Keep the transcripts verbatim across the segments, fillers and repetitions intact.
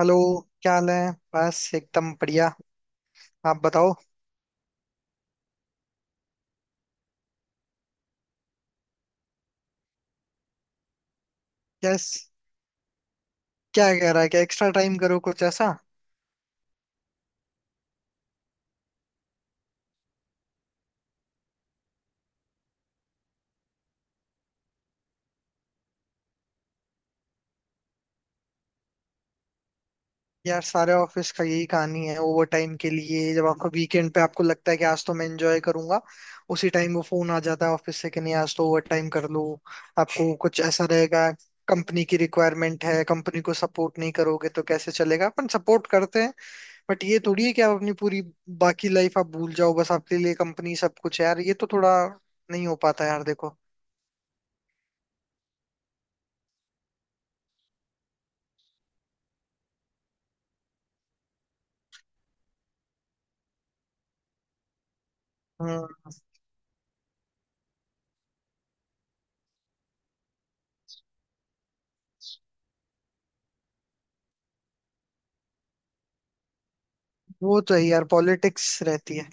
Hello. क्या हाल है? बस एकदम बढ़िया। आप बताओ। यस। क्या कह रहा है, क्या एक्स्ट्रा टाइम करो कुछ ऐसा? यार सारे ऑफिस का यही कहानी है, ओवर टाइम के लिए। जब आपका वीकेंड पे आपको लगता है कि आज तो मैं एंजॉय करूंगा, उसी टाइम वो फोन आ जाता है ऑफिस से कि नहीं, आज तो ओवर टाइम कर लो। आपको कुछ ऐसा रहेगा? कंपनी की रिक्वायरमेंट है, कंपनी को सपोर्ट नहीं करोगे तो कैसे चलेगा, अपन सपोर्ट करते हैं। बट ये थोड़ी है कि आप अपनी पूरी बाकी लाइफ आप भूल जाओ, बस आपके लिए कंपनी सब कुछ है। यार ये तो थोड़ा नहीं हो पाता यार, देखो। हम्म। वो तो है यार, पॉलिटिक्स रहती है।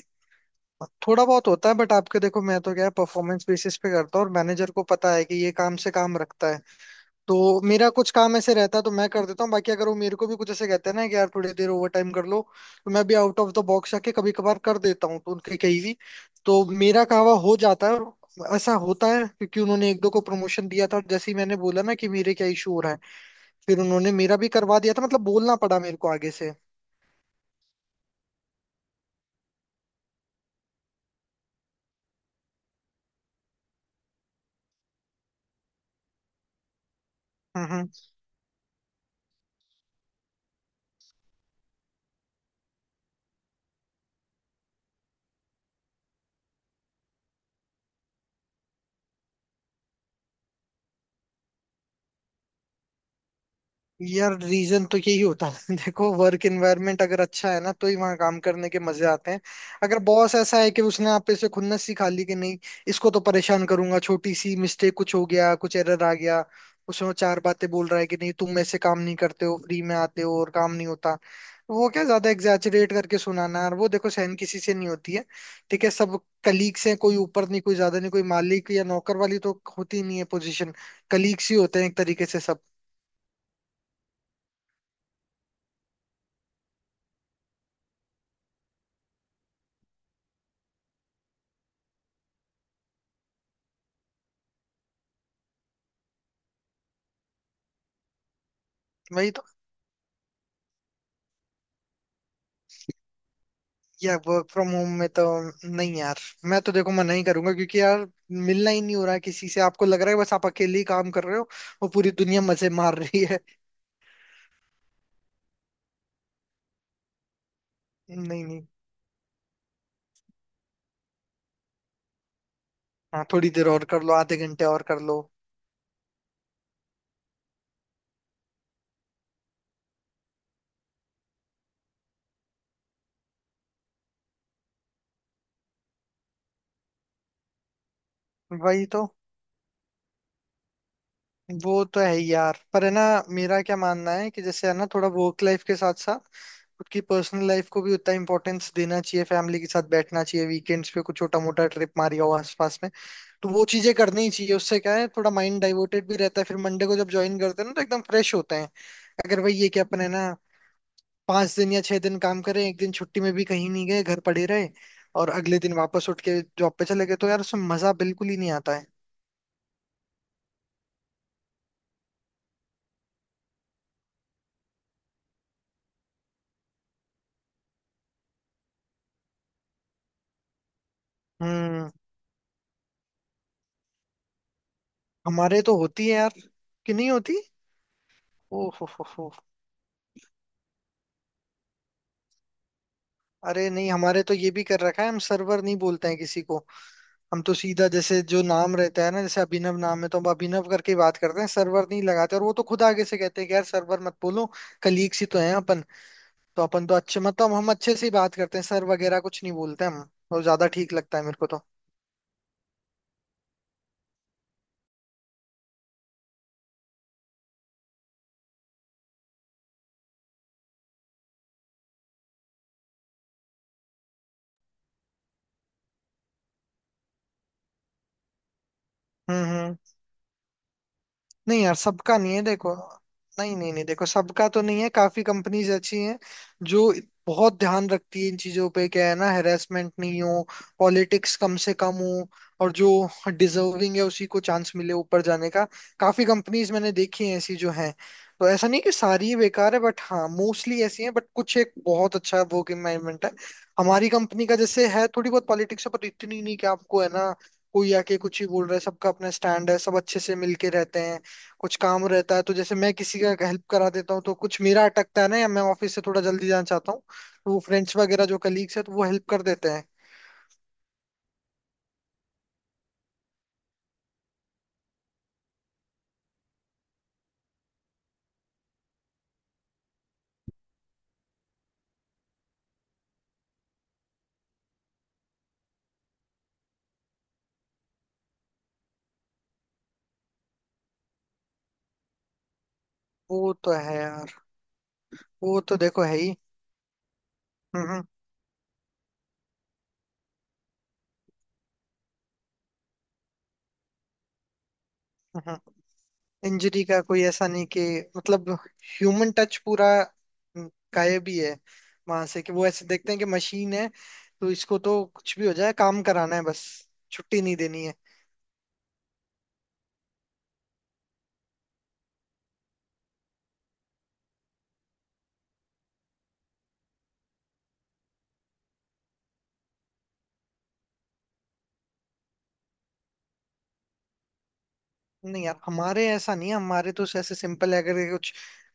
थोड़ा बहुत होता है बट आपके देखो, मैं तो क्या है, परफॉर्मेंस बेसिस पे करता हूँ और मैनेजर को पता है कि ये काम से काम रखता है। तो मेरा कुछ काम ऐसे रहता है तो मैं कर देता हूँ, बाकी अगर वो मेरे को भी कुछ ऐसे कहते हैं ना कि यार थोड़ी देर ओवर टाइम कर लो, तो मैं भी आउट ऑफ द बॉक्स आके कभी कभार कर देता हूँ तो उनके कहीं भी तो मेरा कहवा हो जाता है। और ऐसा होता है क्योंकि उन्होंने एक दो को प्रमोशन दिया था और जैसे ही मैंने बोला ना कि मेरे क्या इशू हो रहा है, फिर उन्होंने मेरा भी करवा दिया था। मतलब बोलना पड़ा मेरे को आगे से। हम्म। हम्म। यार रीजन तो यही होता है। देखो, वर्क एनवायरनमेंट अगर अच्छा है ना, तो ही वहां काम करने के मजे आते हैं। अगर बॉस ऐसा है कि उसने आप पे से खुन्नस सिखा ली कि नहीं, इसको तो परेशान करूंगा, छोटी सी मिस्टेक कुछ हो गया, कुछ एरर आ गया, उसमें वो चार बातें बोल रहा है कि नहीं तुम ऐसे काम नहीं करते हो, फ्री में आते हो और काम नहीं होता। वो क्या ज्यादा एग्जैचुरेट करके सुनाना, और वो देखो सहन किसी से नहीं होती है। ठीक है, सब कलीग्स हैं, कोई ऊपर नहीं, कोई ज्यादा नहीं, कोई मालिक या नौकर वाली तो होती नहीं है पोजीशन। कलीग्स ही होते हैं एक तरीके से सब। वही तो। या वर्क फ्रॉम होम में तो नहीं यार, मैं तो देखो मना ही करूंगा क्योंकि यार मिलना ही नहीं हो रहा है किसी से, आपको लग रहा है बस आप अकेले ही काम कर रहे हो और पूरी दुनिया मजे मार रही है। नहीं नहीं। हाँ, थोड़ी देर और कर लो, आधे घंटे और कर लो। वही तो। वो तो है ही यार, पर है ना, मेरा क्या मानना है कि जैसे है ना, थोड़ा वर्क लाइफ के साथ साथ खुद की पर्सनल लाइफ को भी उतना इम्पोर्टेंस देना चाहिए। फैमिली के साथ बैठना चाहिए, वीकेंड्स पे कुछ छोटा मोटा ट्रिप मारिया हो आसपास में। तो वो चीजें करनी ही चाहिए, उससे क्या है थोड़ा माइंड डाइवर्टेड भी रहता है, फिर मंडे को जब ज्वाइन करते हैं ना तो एकदम फ्रेश होते हैं। अगर भाई ये क्या अपन है ना, पाँच दिन या छह दिन काम करें, एक दिन छुट्टी में भी कहीं नहीं गए, घर पड़े रहे, और अगले दिन वापस उठ के जॉब पे चले गए, तो यार उसमें मजा बिल्कुल ही नहीं आता है। हम्म। हमारे तो होती है यार। कि नहीं होती? ओ हो हो हो अरे नहीं, हमारे तो ये भी कर रखा है, हम सर्वर नहीं बोलते हैं किसी को। हम तो सीधा जैसे जो नाम रहता है ना, जैसे अभिनव नाम है तो हम अभिनव करके ही बात करते हैं, सर्वर नहीं लगाते। और वो तो खुद आगे से कहते हैं कि यार सर्वर मत बोलो, कलीग्स ही तो हैं अपन। तो अपन तो अच्छे, मतलब हम अच्छे से ही बात करते हैं, सर वगैरह कुछ नहीं बोलते हम, और ज्यादा ठीक लगता है मेरे को तो। हम्म। हम्म। नहीं यार, सबका नहीं है, देखो। नहीं नहीं नहीं, देखो सबका तो नहीं है, काफी कंपनीज अच्छी हैं जो बहुत ध्यान रखती है इन चीजों पे। क्या है ना, हेरासमेंट नहीं हो, पॉलिटिक्स कम से कम हो, और जो डिजर्विंग है उसी को चांस मिले ऊपर जाने का। काफी कंपनीज मैंने देखी हैं ऐसी जो हैं, तो ऐसा नहीं कि सारी ही बेकार है। बट हाँ, मोस्टली ऐसी हैं बट कुछ एक बहुत अच्छा वर्क एनवायरमेंट है। हमारी कंपनी का जैसे है, थोड़ी बहुत पॉलिटिक्स है, पर इतनी नहीं कि आपको है ना कोई आके कुछ ही बोल रहा है। सबका अपना स्टैंड है, सब अच्छे से मिलके रहते हैं। कुछ काम रहता है तो जैसे मैं किसी का हेल्प करा देता हूँ, तो कुछ मेरा अटकता है ना, या मैं ऑफिस से थोड़ा जल्दी जाना चाहता हूँ, तो वो फ्रेंड्स वगैरह जो कलीग्स है तो वो हेल्प कर देते हैं। वो तो है यार। वो तो देखो है ही। हम्म। हम्म। इंजरी का कोई ऐसा नहीं कि, मतलब, ह्यूमन टच पूरा हम्म, गायब ही है वहां से। कि वो ऐसे देखते हैं कि मशीन है, तो इसको तो कुछ भी हो जाए काम कराना है बस, छुट्टी नहीं देनी है। नहीं यार, हमारे ऐसा नहीं है, हमारे तो ऐसे सिंपल है। अगर ये कुछ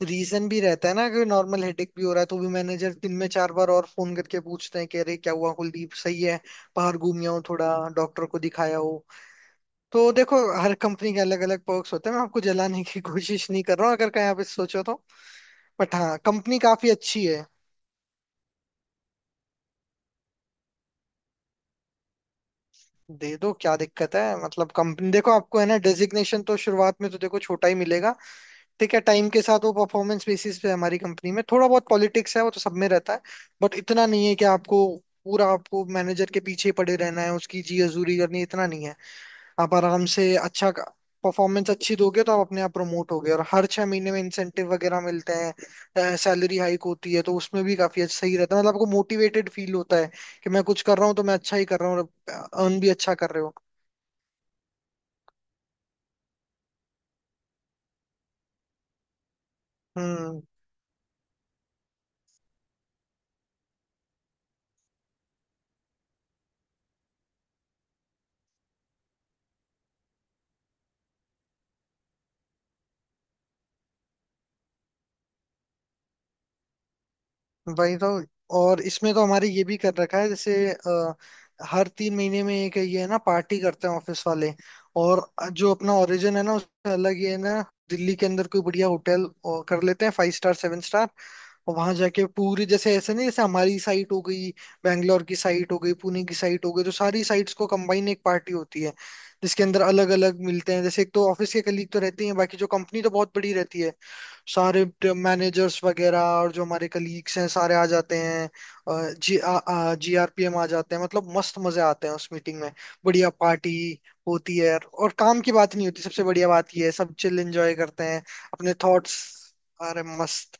रीजन भी रहता है ना कि नॉर्मल हेडेक भी हो रहा है, तो भी मैनेजर दिन में चार बार और फोन करके पूछते हैं कि अरे क्या हुआ कुलदीप, सही है? बाहर घूम आओ थोड़ा, डॉक्टर को दिखाया हो। तो देखो हर कंपनी के अलग अलग पर्क्स होते हैं। मैं आपको जलाने की कोशिश नहीं कर रहा हूँ, अगर कहीं आप इस सोचो तो। बट हाँ, कंपनी काफी अच्छी है। दे दो, क्या दिक्कत है। मतलब कंपनी देखो, आपको है ना डेजिग्नेशन तो शुरुआत में तो देखो छोटा ही मिलेगा। ठीक है, टाइम के साथ वो परफॉर्मेंस बेसिस पे है। हमारी कंपनी में थोड़ा बहुत पॉलिटिक्स है, वो तो सब में रहता है, बट इतना नहीं है कि आपको पूरा आपको मैनेजर के पीछे ही पड़े रहना है, उसकी जी हजूरी करनी है, इतना नहीं है। आप आराम से अच्छा परफॉर्मेंस अच्छी दोगे तो आप अपने आप प्रमोट होगे, और हर छह महीने में इंसेंटिव वगैरह मिलते हैं, सैलरी हाइक होती है, तो उसमें भी काफी अच्छा सही रहता है। मतलब आपको मोटिवेटेड फील होता है कि मैं कुछ कर रहा हूँ तो मैं अच्छा ही कर रहा हूँ, और अर्न भी अच्छा कर रहे हो। हम्म। वही तो। और इसमें तो हमारे ये भी कर रखा है, जैसे अ, हर तीन महीने में एक ये है ना, पार्टी करते हैं ऑफिस वाले। और जो अपना ओरिजिन है ना, उसमें अलग ये है ना, दिल्ली के अंदर कोई बढ़िया होटल और कर लेते हैं, फाइव स्टार सेवन स्टार। वहां जाके पूरी, जैसे ऐसे नहीं जैसे हमारी साइट हो गई, बैंगलोर की साइट हो गई, पुणे की साइट हो गई, तो सारी साइट्स को कंबाइन एक पार्टी होती है। जिसके अंदर अलग अलग मिलते हैं, जैसे एक तो ऑफिस के कलीग तो रहते ही हैं, बाकी जो कंपनी तो बहुत बड़ी रहती है, सारे मैनेजर्स वगैरह और जो हमारे कलीग्स हैं सारे आ जाते हैं। अ, जी आ, आ, जी आर पी एम आ जाते हैं, मतलब मस्त मजे आते हैं उस मीटिंग में। बढ़िया पार्टी होती है यार। और काम की बात नहीं होती, सबसे बढ़िया बात ये है, सब चिल एंजॉय करते हैं अपने थॉट्स। अरे मस्त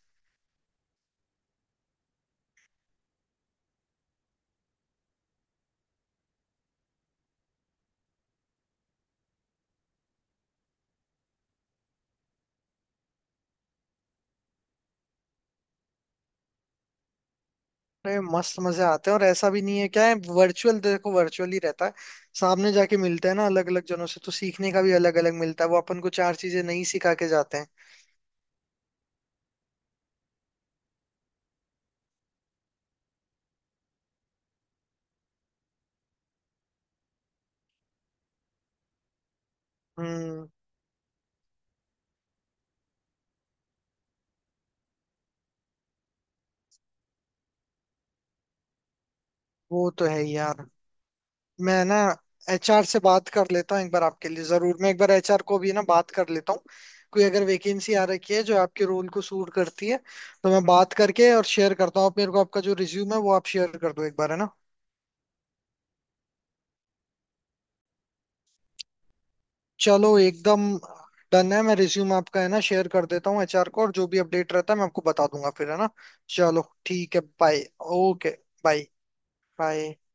अरे मस्त मजे आते हैं। और ऐसा भी नहीं है, क्या है, वर्चुअल देखो वर्चुअल ही रहता है, सामने जाके मिलते हैं ना अलग अलग जनों से, तो सीखने का भी अलग अलग मिलता है, वो अपन को चार चीजें नई सिखा के जाते हैं। हम्म। वो तो है ही यार। मैं ना एच आर से बात कर लेता हूँ एक बार आपके लिए। जरूर, मैं एक बार एच आर को भी ना बात कर लेता हूँ। कोई अगर वैकेंसी आ रखी है जो आपके रोल को सूट करती है, तो मैं बात करके और शेयर करता हूँ। आप मेरे को आपका जो रिज्यूम है वो आप शेयर कर दो एक बार, है ना। चलो एकदम डन है, मैं रिज्यूम आपका है ना शेयर कर देता हूँ एच आर को, और जो भी अपडेट रहता है मैं आपको बता दूंगा फिर, है ना। चलो ठीक है, बाय। ओके। बाय। बाय।